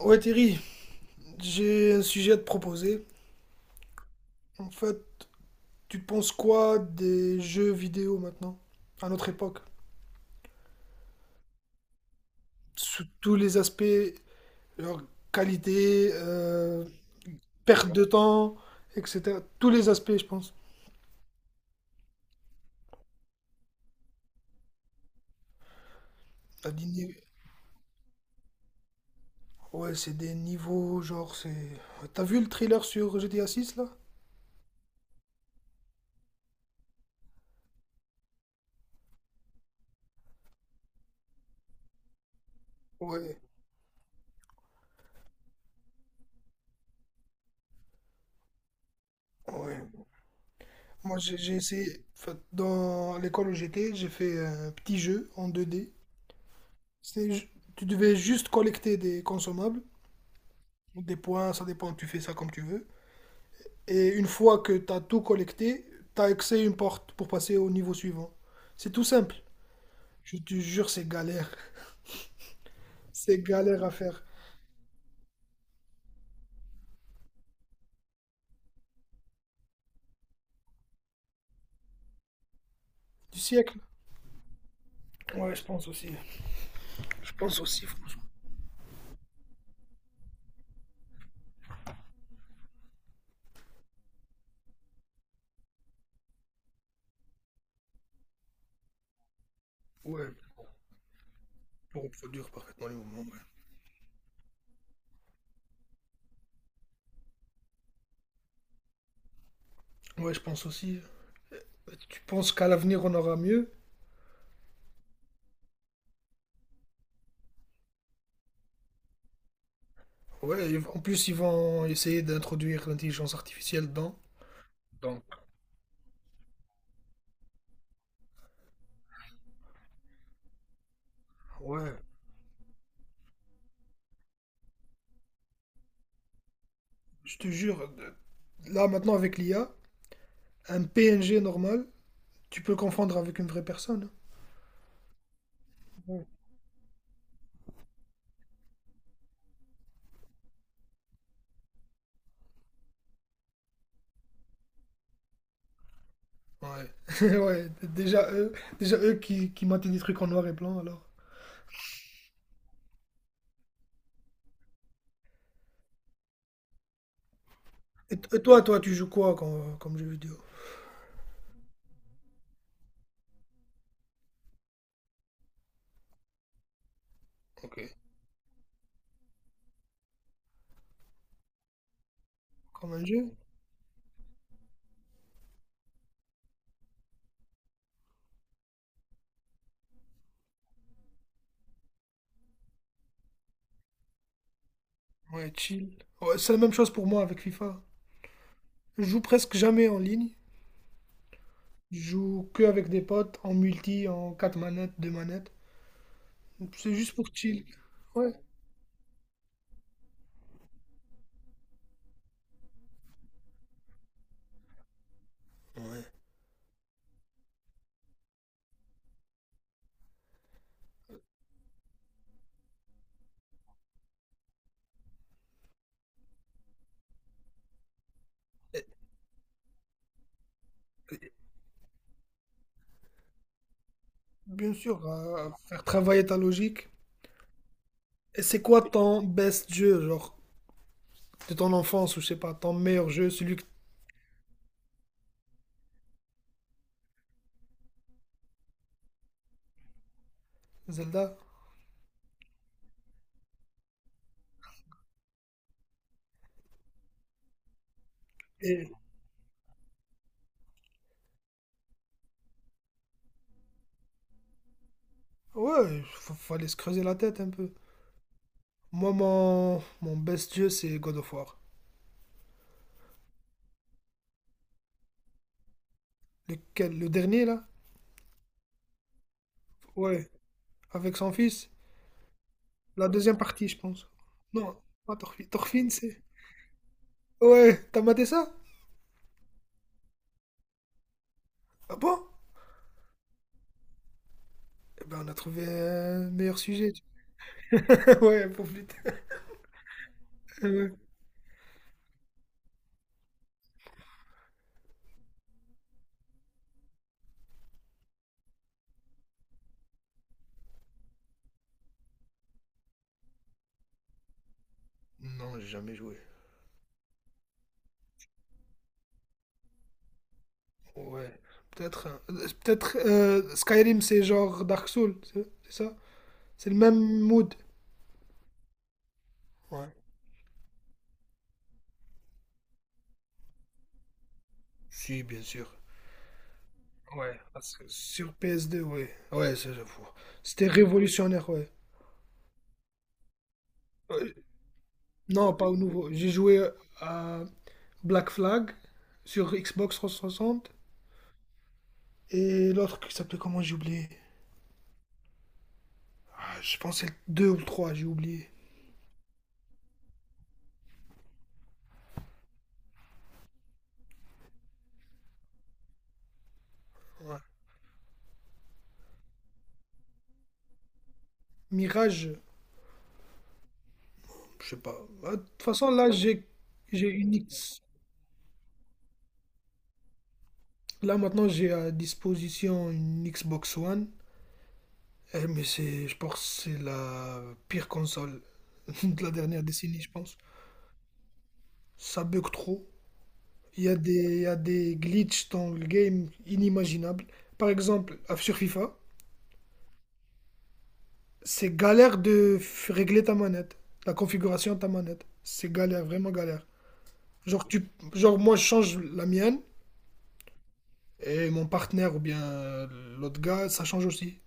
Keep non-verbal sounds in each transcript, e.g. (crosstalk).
Ouais Thierry, j'ai un sujet à te proposer. En fait, tu penses quoi des jeux vidéo maintenant, à notre époque? Sous tous les aspects, leur qualité, perte de temps, etc. Tous les aspects, je pense. T'as des ni- Ouais, c'est des niveaux, genre, c'est... T'as vu le trailer sur GTA 6, là? Ouais, ouais. Moi, j'ai essayé... En fait, dans l'école où j'étais, j'ai fait un petit jeu en 2D. C'est... ju- Tu devais juste collecter des consommables, des points, ça dépend, tu fais ça comme tu veux. Et une fois que tu as tout collecté, tu as accès à une porte pour passer au niveau suivant. C'est tout simple. Je te jure, c'est galère. (laughs) C'est galère à faire. Du siècle. Ouais, je pense aussi. Je pense aussi, franchement. Ouais, pour reproduire parfaitement les mouvements, ouais. Ouais, je pense aussi. Tu penses qu'à l'avenir, on aura mieux. Ouais, et en plus, ils vont essayer d'introduire l'intelligence artificielle dedans. Donc, ouais, je te jure, là maintenant avec l'IA, un PNG normal, tu peux le confondre avec une vraie personne. Ouais. Ouais. (laughs) Ouais. Déjà eux qui mettent des trucs en noir et blanc alors. Et, et toi, toi, tu joues quoi comme, comme jeu vidéo? Ok. Comme un jeu? Ouais, chill. Ouais, c'est la même chose pour moi avec FIFA. Je joue presque jamais en ligne. Je joue que avec des potes, en multi, en 4 manettes, 2 manettes. C'est juste pour chill. Ouais. Ouais. Et bien sûr, faire travailler ta logique. Et c'est quoi ton best jeu, genre, de ton enfance ou je sais pas, ton meilleur jeu, celui... Zelda. Et ouais, fallait se creuser la tête un peu. Moi, mon best jeu, c'est God of War. Lequel, le dernier, là? Ouais, avec son fils. La deuxième partie, je pense. Non, pas Thorfinn. Thorfinn, c'est... Ouais, t'as maté ça? Ah bon? Eh ben, on a trouvé un meilleur sujet. (laughs) Ouais, pour plus tard. (laughs) Ouais. Non, j'ai jamais joué. Ouais, peut-être... peut-être Skyrim, c'est genre Dark Souls, c'est ça? C'est le même mood. Ouais. Si, bien sûr. Ouais, parce que sur PS2, ouais. Ouais, ça, j'avoue. C'était révolutionnaire, ouais. Ouais. Non, pas au nouveau. J'ai joué à Black Flag sur Xbox 360 et l'autre qui s'appelait comment j'ai oublié. Ah, je pensais 2 ou 3, j'ai oublié. Ouais. Mirage, je sais pas. Ah, de toute façon, là, j'ai une X. Là, maintenant, j'ai à disposition une Xbox One. Eh, mais c'est, je pense que c'est la pire console (laughs) de la dernière décennie, je pense. Ça bug trop. Il y a des glitches dans le game inimaginables. Par exemple, sur FIFA, c'est galère de régler ta manette, la configuration de ta manette. C'est galère, vraiment galère. Genre, tu, genre moi, je change la mienne et mon partenaire ou bien l'autre gars, ça change aussi.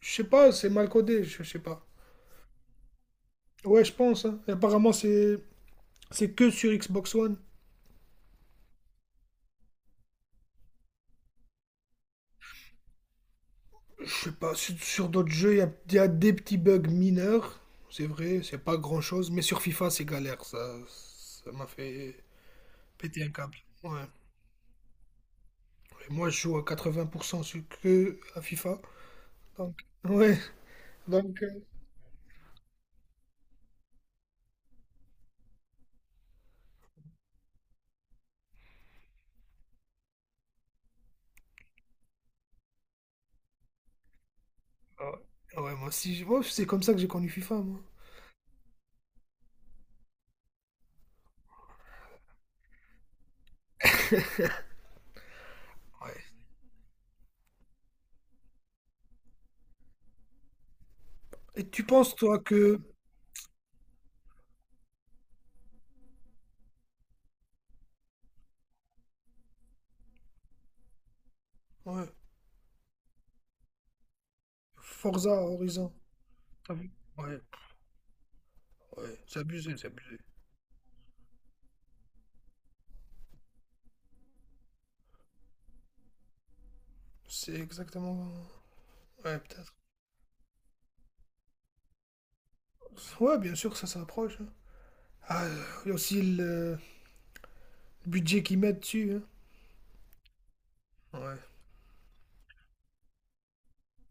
Je sais pas, c'est mal codé, je sais pas. Ouais, je pense, hein. Et apparemment, c'est que sur Xbox One. Je sais pas, sur d'autres jeux, il y a des petits bugs mineurs, c'est vrai, c'est pas grand-chose, mais sur FIFA, c'est galère, ça m'a fait péter un câble. Ouais. Et moi, je joue à 80% sur que à FIFA, donc, ouais, donc, euh, ouais, Ouais, moi aussi, moi, c'est comme ça que j'ai connu FIFA, moi. Ouais. Et tu penses, toi, que... Ouais, Forza Horizon, t'as vu? Ouais, ouais, c'est abusé, c'est abusé. C'est exactement, ouais, peut-être. Ouais, bien sûr, ça s'approche, hein. Ah, il y a aussi le... le budget qu'ils mettent dessus, hein. Ouais.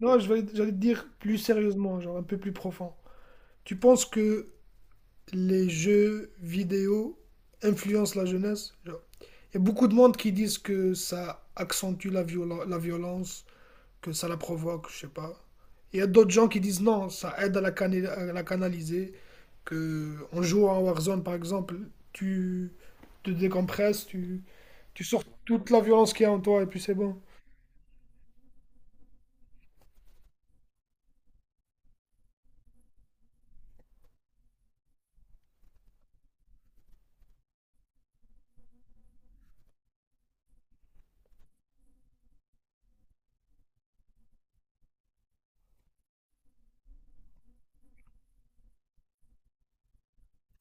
Non, j'allais te dire plus sérieusement, genre un peu plus profond. Tu penses que les jeux vidéo influencent la jeunesse? Genre, il y a beaucoup de monde qui disent que ça accentue la la violence, que ça la provoque, je sais pas. Il y a d'autres gens qui disent non, ça aide à la, à la canaliser, que en jouant à Warzone par exemple, tu te décompresses, tu sors toute la violence qu'il y a en toi et puis c'est bon.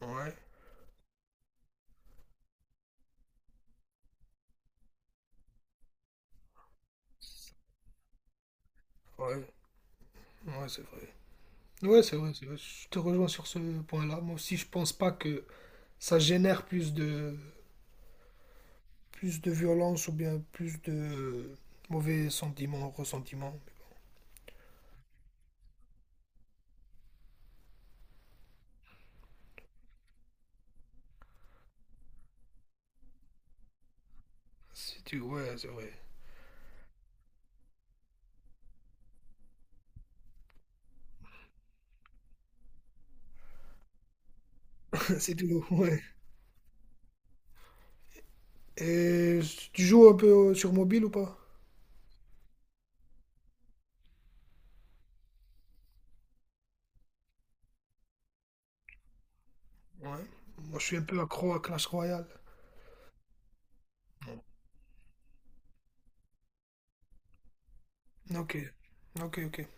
Ouais, ouais. Ouais, c'est vrai. Ouais, c'est vrai, c'est vrai. Je te rejoins sur ce point-là. Moi aussi, je pense pas que ça génère plus de violence ou bien plus de mauvais sentiments, ressentiments. Si tu... Ouais, c'est vrai. (laughs) C'est tout, ouais. Et tu joues un peu sur mobile ou pas? Ouais. Moi, je suis un peu accro à Clash Royale. Ok. Ok, ok.